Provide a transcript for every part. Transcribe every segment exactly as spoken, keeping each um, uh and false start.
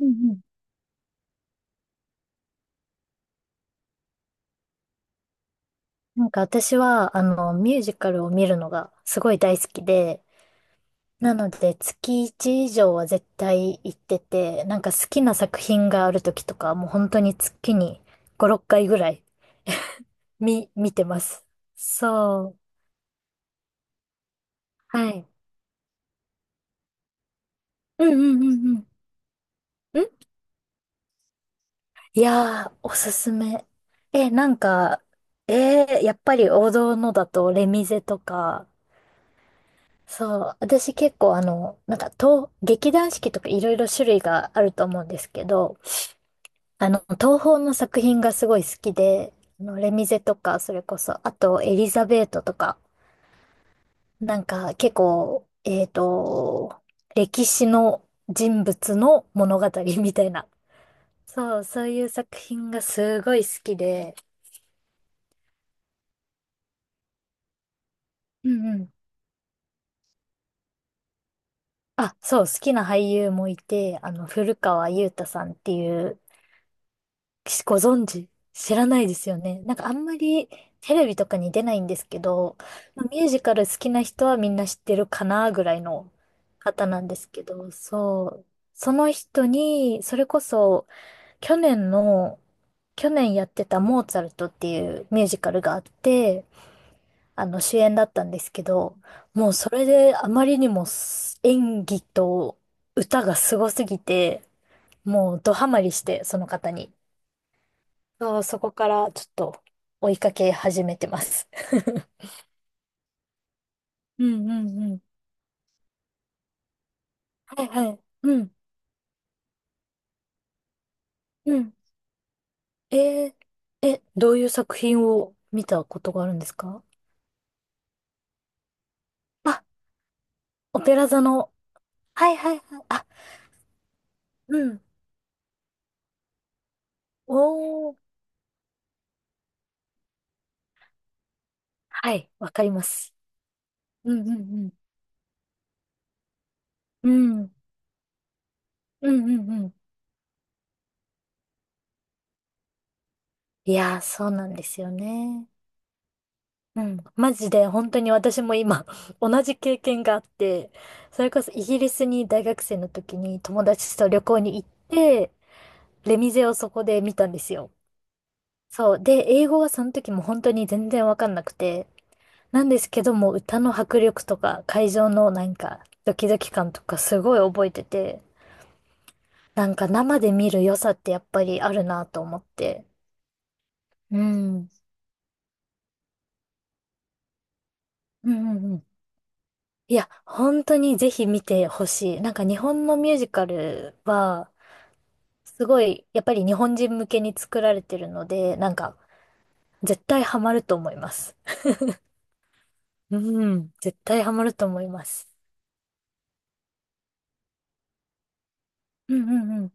うんうん。なんか私は、あの、ミュージカルを見るのがすごい大好きで、なので月いち以上は絶対行ってて、なんか好きな作品がある時とか、もう本当に月にご、ろっかいぐらい見、見てます。そう。はい。うんうんうんうん。んいやー、おすすめ。え、なんか、えーやっぱり王道のだとレミゼとか、そう、私結構あの、なんか東、劇団四季とかいろいろ種類があると思うんですけど、あの、東宝の作品がすごい好きで、あの、レミゼとか、それこそ、あとエリザベートとか、なんか結構、えっと、歴史の人物の物語みたいな。そう、そういう作品がすごい好きで、うんうん。あ、そう、好きな俳優もいて、あの、古川雄太さんっていう、しご存知知らないですよね。なんかあんまりテレビとかに出ないんですけど、まあミュージカル好きな人はみんな知ってるかなぐらいの方なんですけど、そう。その人に、それこそ去年の、去年やってたモーツァルトっていうミュージカルがあって、あの主演だったんですけど、もうそれであまりにも演技と歌がすごすぎて、もうドハマりして、その方に。そう、そこからちょっと追いかけ始めてます。うんうんうん。はいはい。うん、うん。えー、え、どういう作品を見たことがあるんですか？あ、オペラ座の。はいはいはい。あ、うん。おー。はい、わかります。うんうんうん。うん、うん、うん、うん。いやー、そうなんですよね。うん、マジで本当に私も今 同じ経験があって、それこそイギリスに大学生の時に友達と旅行に行って、レミゼをそこで見たんですよ。そう。で、英語はその時も本当に全然わかんなくて、なんですけども歌の迫力とか会場のなんかドキドキ感とかすごい覚えてて、なんか生で見る良さってやっぱりあるなと思って。うん。うんうんうん。いや、本当にぜひ見てほしい。なんか日本のミュージカルは、すごい、やっぱり日本人向けに作られてるので、なんか、絶対ハマると思います。うん、絶対ハマると思います。うんうんうん。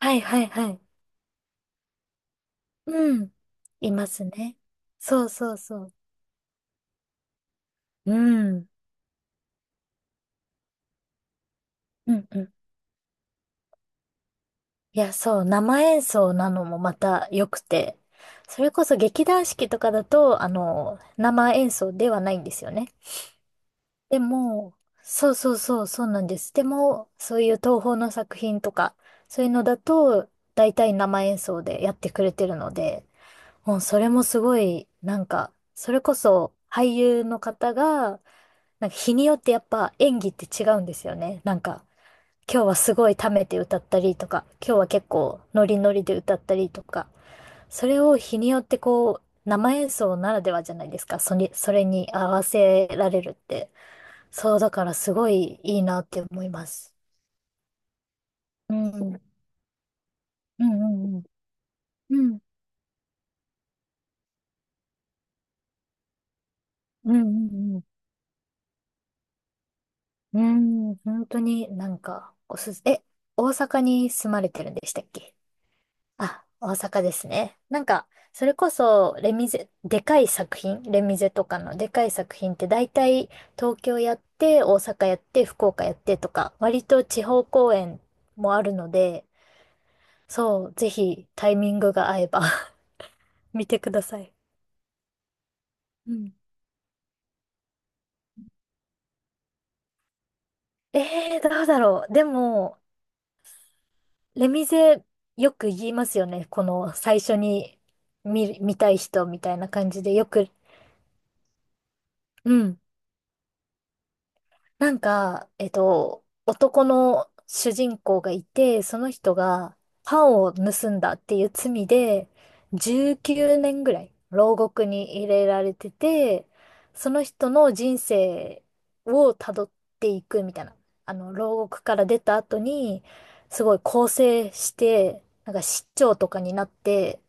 はいはいはい。うん。いますね。そうそうそう。うん。うんうん。いや、そう、生演奏なのもまた良くて、それこそ劇団四季とかだと、あの、生演奏ではないんですよね。でも、そうそうそう、そうなんです。でも、そういう東宝の作品とか、そういうのだと、大体生演奏でやってくれてるので、もうそれもすごい、なんか、それこそ俳優の方が、なんか日によってやっぱ演技って違うんですよね。なんか、今日はすごい溜めて歌ったりとか、今日は結構ノリノリで歌ったりとか、それを日によってこう、生演奏ならではじゃないですか。それ、それに合わせられるって。そう、だからすごいいいなって思います。うん。うんうんうん。うん。うんうんうん。うん。本当になんか、おすす、え、大阪に住まれてるんでしたっけ？あ、大阪ですね。なんか、それこそ、レミゼ、でかい作品、レミゼとかのでかい作品って大体東京やって、大阪やって、福岡やってとか、割と地方公演もあるので、そう、ぜひタイミングが合えば 見てください。うん。えー、どうだろう。でも、レミゼよく言いますよね。この最初に見る、見たい人みたいな感じでよく。うん。なんか、えっと、男の主人公がいて、その人がパンを盗んだっていう罪で、じゅうきゅうねんぐらい牢獄に入れられてて、その人の人生をたどっていくみたいな。あの、牢獄から出た後に、すごい更生して、なんか市長とかになって、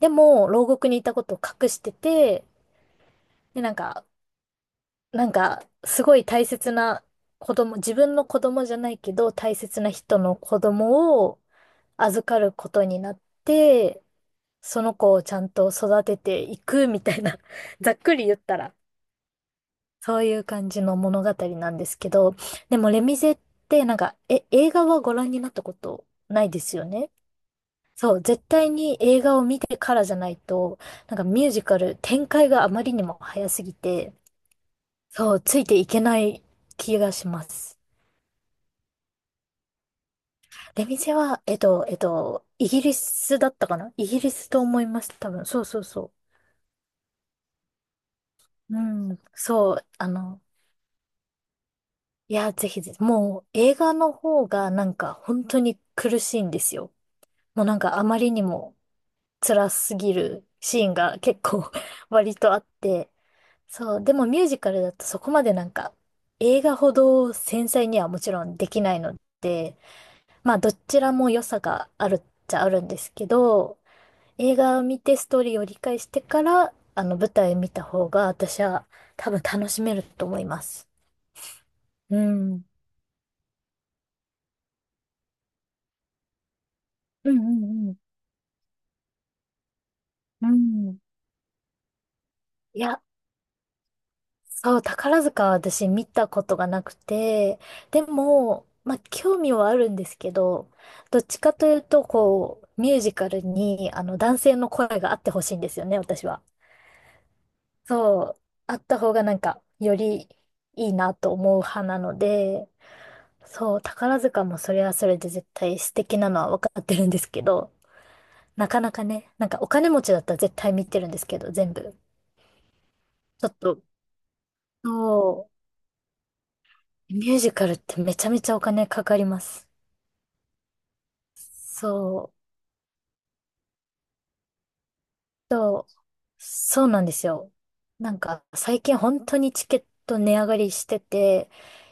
でも、牢獄にいたことを隠してて、で、なんか、なんか、すごい大切な子供、自分の子供じゃないけど、大切な人の子供を預かることになって、その子をちゃんと育てていくみたいな、ざっくり言ったら、そういう感じの物語なんですけど、でもレミゼってなんか、え、映画はご覧になったことないですよね？そう、絶対に映画を見てからじゃないと、なんかミュージカル展開があまりにも早すぎて、そう、ついていけない気がします。出店は、えっと、えっと、イギリスだったかな？イギリスと思います、多分。そうそうそう。うん、そう、あの、いや、ぜひぜひ、もう映画の方がなんか本当に苦しいんですよ。もうなんかあまりにも辛すぎるシーンが結構 割とあって、そう、でもミュージカルだとそこまでなんか映画ほど繊細にはもちろんできないので、まあどちらも良さがあるっちゃあるんですけど、映画を見てストーリーを理解してから、あの、舞台見た方が私は多分楽しめると思います。うん。うんうんうん。うん。いや、そう、宝塚は私見たことがなくて、でも、まあ、興味はあるんですけど、どっちかというと、こう、ミュージカルに、あの、男性の声があってほしいんですよね、私は。そう、あった方がなんか、よりいいなと思う派なので、そう、宝塚もそれはそれで絶対素敵なのは分かってるんですけど、なかなかね、なんかお金持ちだったら絶対見てるんですけど、全部。ちょっと、そう、ミュージカルってめちゃめちゃお金かかります。そう、そう、そうなんですよ。なんか最近本当にチケット値上がりしてて、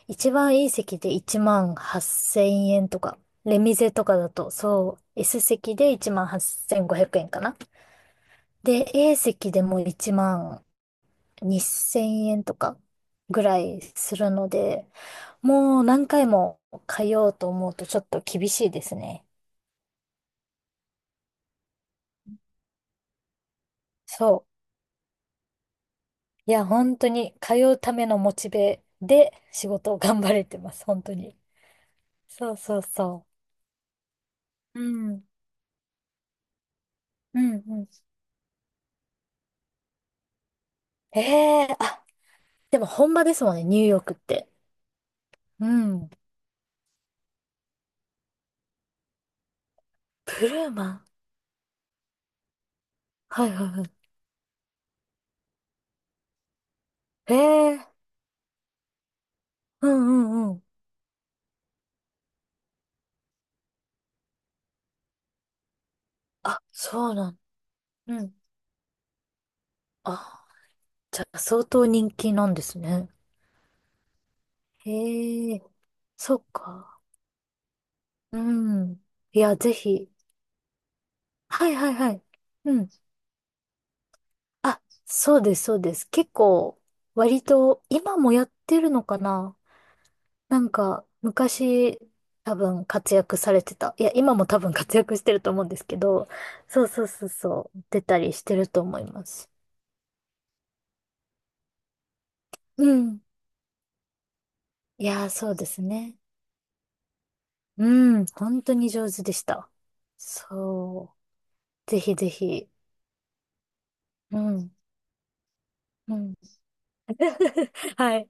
一番いい席でいちまんはっせんえんとか、レミゼとかだと、そう、エスせきでいちまんはっせんごひゃくえんかな。で、エーせきでもいちまんにせんえんとかぐらいするので、もう何回も通おうと思うとちょっと厳しいですね。そう。いや、本当に通うためのモチベで仕事を頑張れてます。本当に。そうそうそう。うん。うんうん。ええ。あ、でも本場ですもんね、ニューヨークって。うん。ブルーマン。はいはいはい。ええ。うんうんうん。あ、そうなん。うん。あ、じゃあ相当人気なんですね。へえ、そっか。うん。いや、ぜひ。はいはいはい。うん。あ、そうです、そうです。結構、割と、今もやってるのかな？なんか、昔、多分活躍されてた。いや、今も多分活躍してると思うんですけど、そうそうそうそう、出たりしてると思います。うん。いやー、そうですね。うん、本当に上手でした。そう。ぜひぜひ。うん。うん。はい。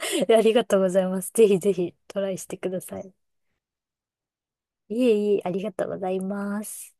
ありがとうございます。ぜひぜひトライしてください。いえいえ、ありがとうございます。